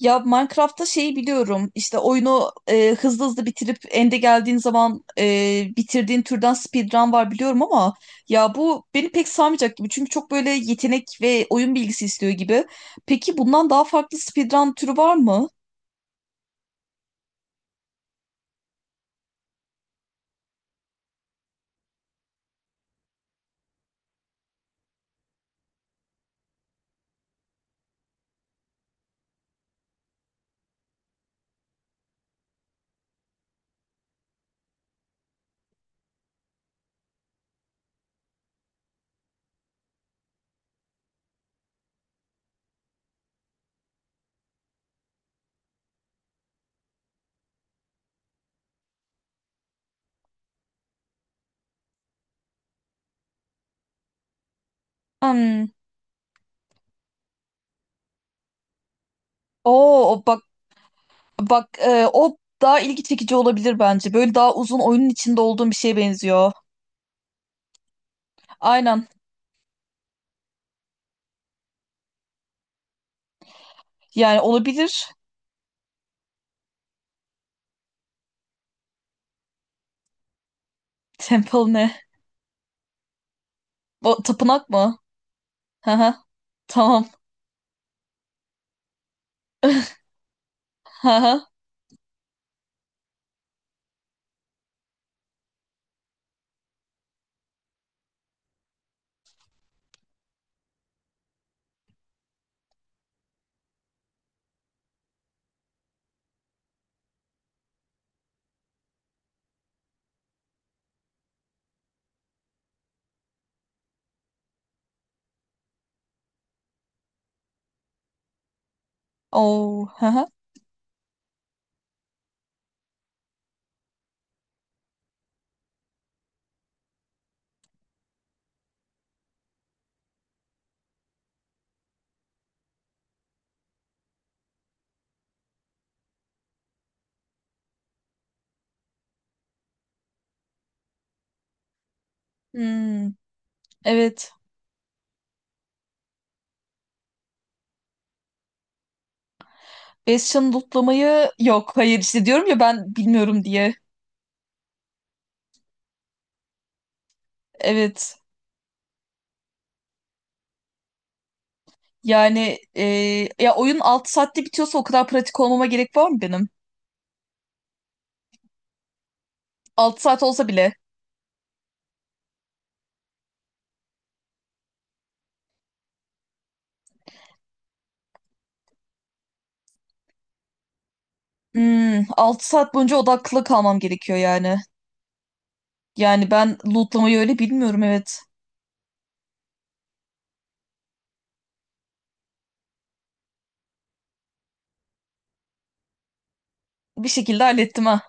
Ya Minecraft'ta şeyi biliyorum. İşte oyunu hızlı hızlı bitirip end'e geldiğin zaman bitirdiğin türden speedrun var biliyorum ama ya bu beni pek sarmayacak gibi. Çünkü çok böyle yetenek ve oyun bilgisi istiyor gibi. Peki bundan daha farklı speedrun türü var mı? Hmm. Oo, bak, bak, o daha ilgi çekici olabilir bence. Böyle daha uzun oyunun içinde olduğum bir şeye benziyor. Aynen. Yani olabilir. Temple ne? Tapınak mı? Hı hı. Tamam. Oo, hı hı. Hmm, evet. Bastion lootlamayı yok. Hayır, işte diyorum ya, ben bilmiyorum diye. Evet. Yani ya oyun 6 saatte bitiyorsa o kadar pratik olmama gerek var mı benim? 6 saat olsa bile. Hmm, 6 saat boyunca odaklı kalmam gerekiyor yani. Yani ben lootlamayı öyle bilmiyorum, evet. Bir şekilde hallettim ha.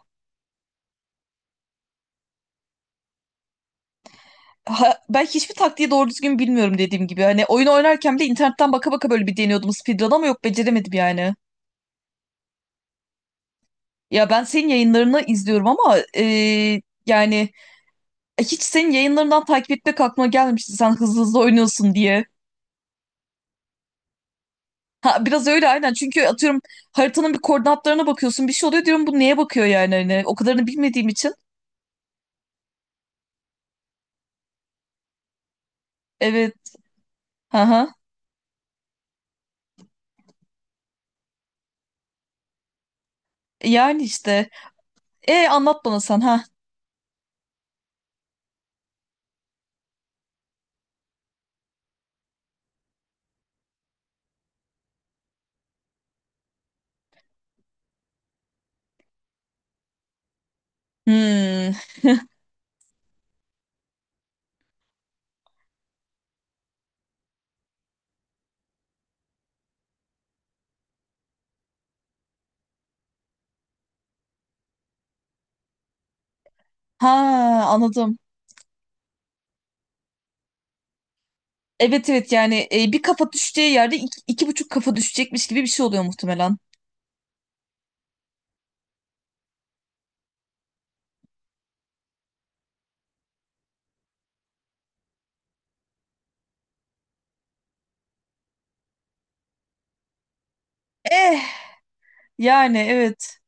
Ha, ben hiçbir taktiği doğru düzgün bilmiyorum dediğim gibi. Hani oyun oynarken bile internetten baka baka böyle bir deniyordum speedrun ama yok, beceremedim yani. Ya, ben senin yayınlarını izliyorum ama yani hiç senin yayınlarından takip etmek aklıma gelmemişti sen hızlı hızlı oynuyorsun diye. Ha, biraz öyle aynen, çünkü atıyorum haritanın bir koordinatlarına bakıyorsun, bir şey oluyor, diyorum bu neye bakıyor yani, hani o kadarını bilmediğim için. Evet. Aha. Yani işte. E, anlat bana sen, ha. Hmm. Ha, anladım. Evet, evet, yani bir kafa düşeceği yerde iki, iki buçuk kafa düşecekmiş gibi bir şey oluyor muhtemelen. Eh, yani evet.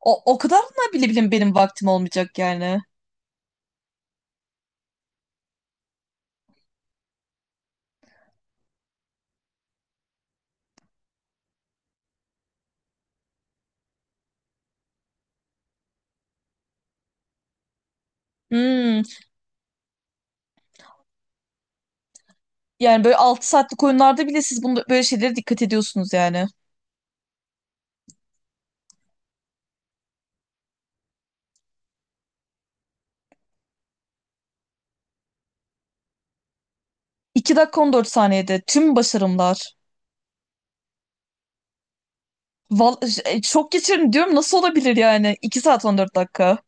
O kadarına bile bile benim vaktim olmayacak yani. Hmm. Yani böyle 6 saatlik oyunlarda bile siz bunda böyle şeylere dikkat ediyorsunuz yani. 2 dakika 14 saniyede tüm başarımlar. Val, şok geçirin diyorum, nasıl olabilir yani? 2 saat 14 dakika.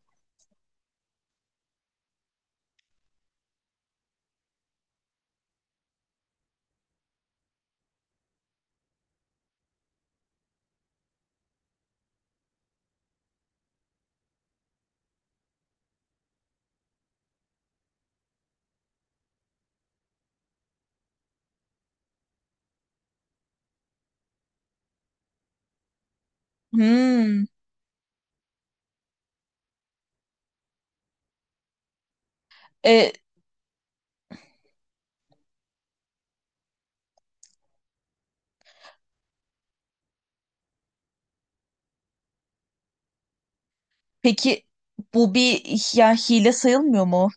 Hmm. E, peki bu bir yani hile sayılmıyor mu?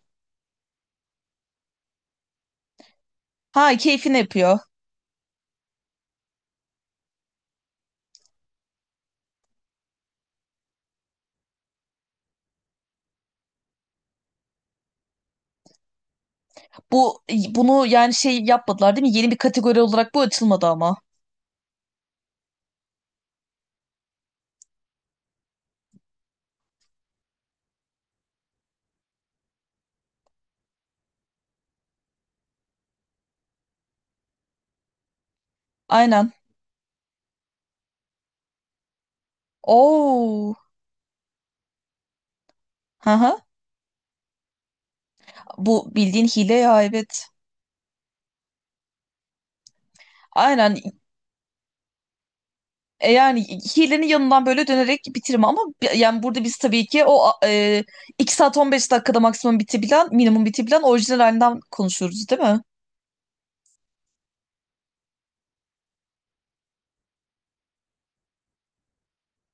Ha, keyfini yapıyor. Bu bunu yani şey yapmadılar değil mi? Yeni bir kategori olarak bu açılmadı ama. Aynen. Oo. Haha. Bu bildiğin hile ya, evet. Aynen. E, yani hilenin yanından böyle dönerek bitirme ama, yani burada biz tabii ki o 2 saat 15 dakikada maksimum bitebilen, minimum bitebilen orijinal halinden konuşuyoruz değil mi?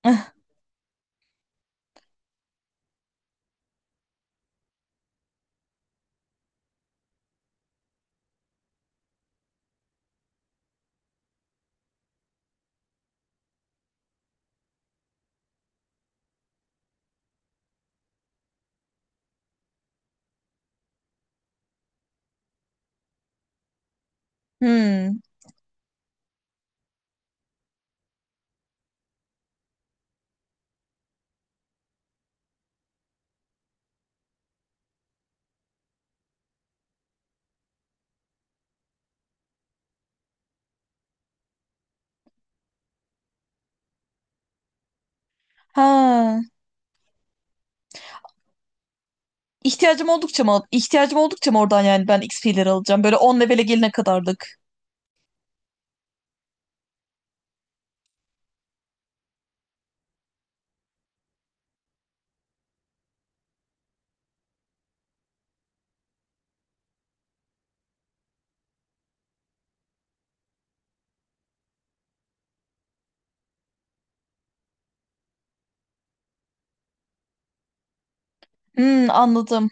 Eh. Hmm. Ha. İhtiyacım oldukça mı? İhtiyacım oldukça mı oradan yani ben X XP'leri alacağım? Böyle 10 levele gelene kadarlık. Hmm, anladım.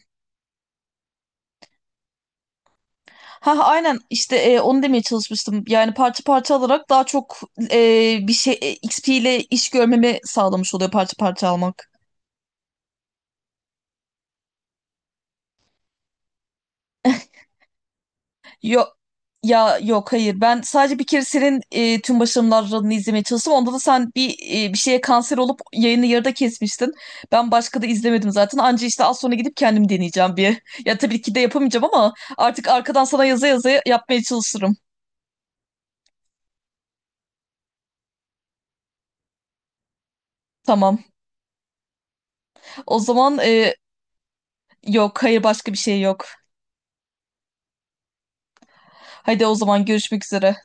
Ha, aynen işte onu demeye çalışmıştım. Yani parça parça alarak daha çok bir şey XP ile iş görmemi sağlamış oluyor parça parça almak. Yo, ya, yok, hayır. Ben sadece bir kere senin tüm başarılarını izlemeye çalıştım. Onda da sen bir şeye kanser olup yayını yarıda kesmiştin. Ben başka da izlemedim zaten. Anca işte az sonra gidip kendim deneyeceğim bir. Ya tabii ki de yapamayacağım ama artık arkadan sana yaza yaza yapmaya çalışırım. Tamam. O zaman yok, hayır, başka bir şey yok. Hadi o zaman görüşmek üzere.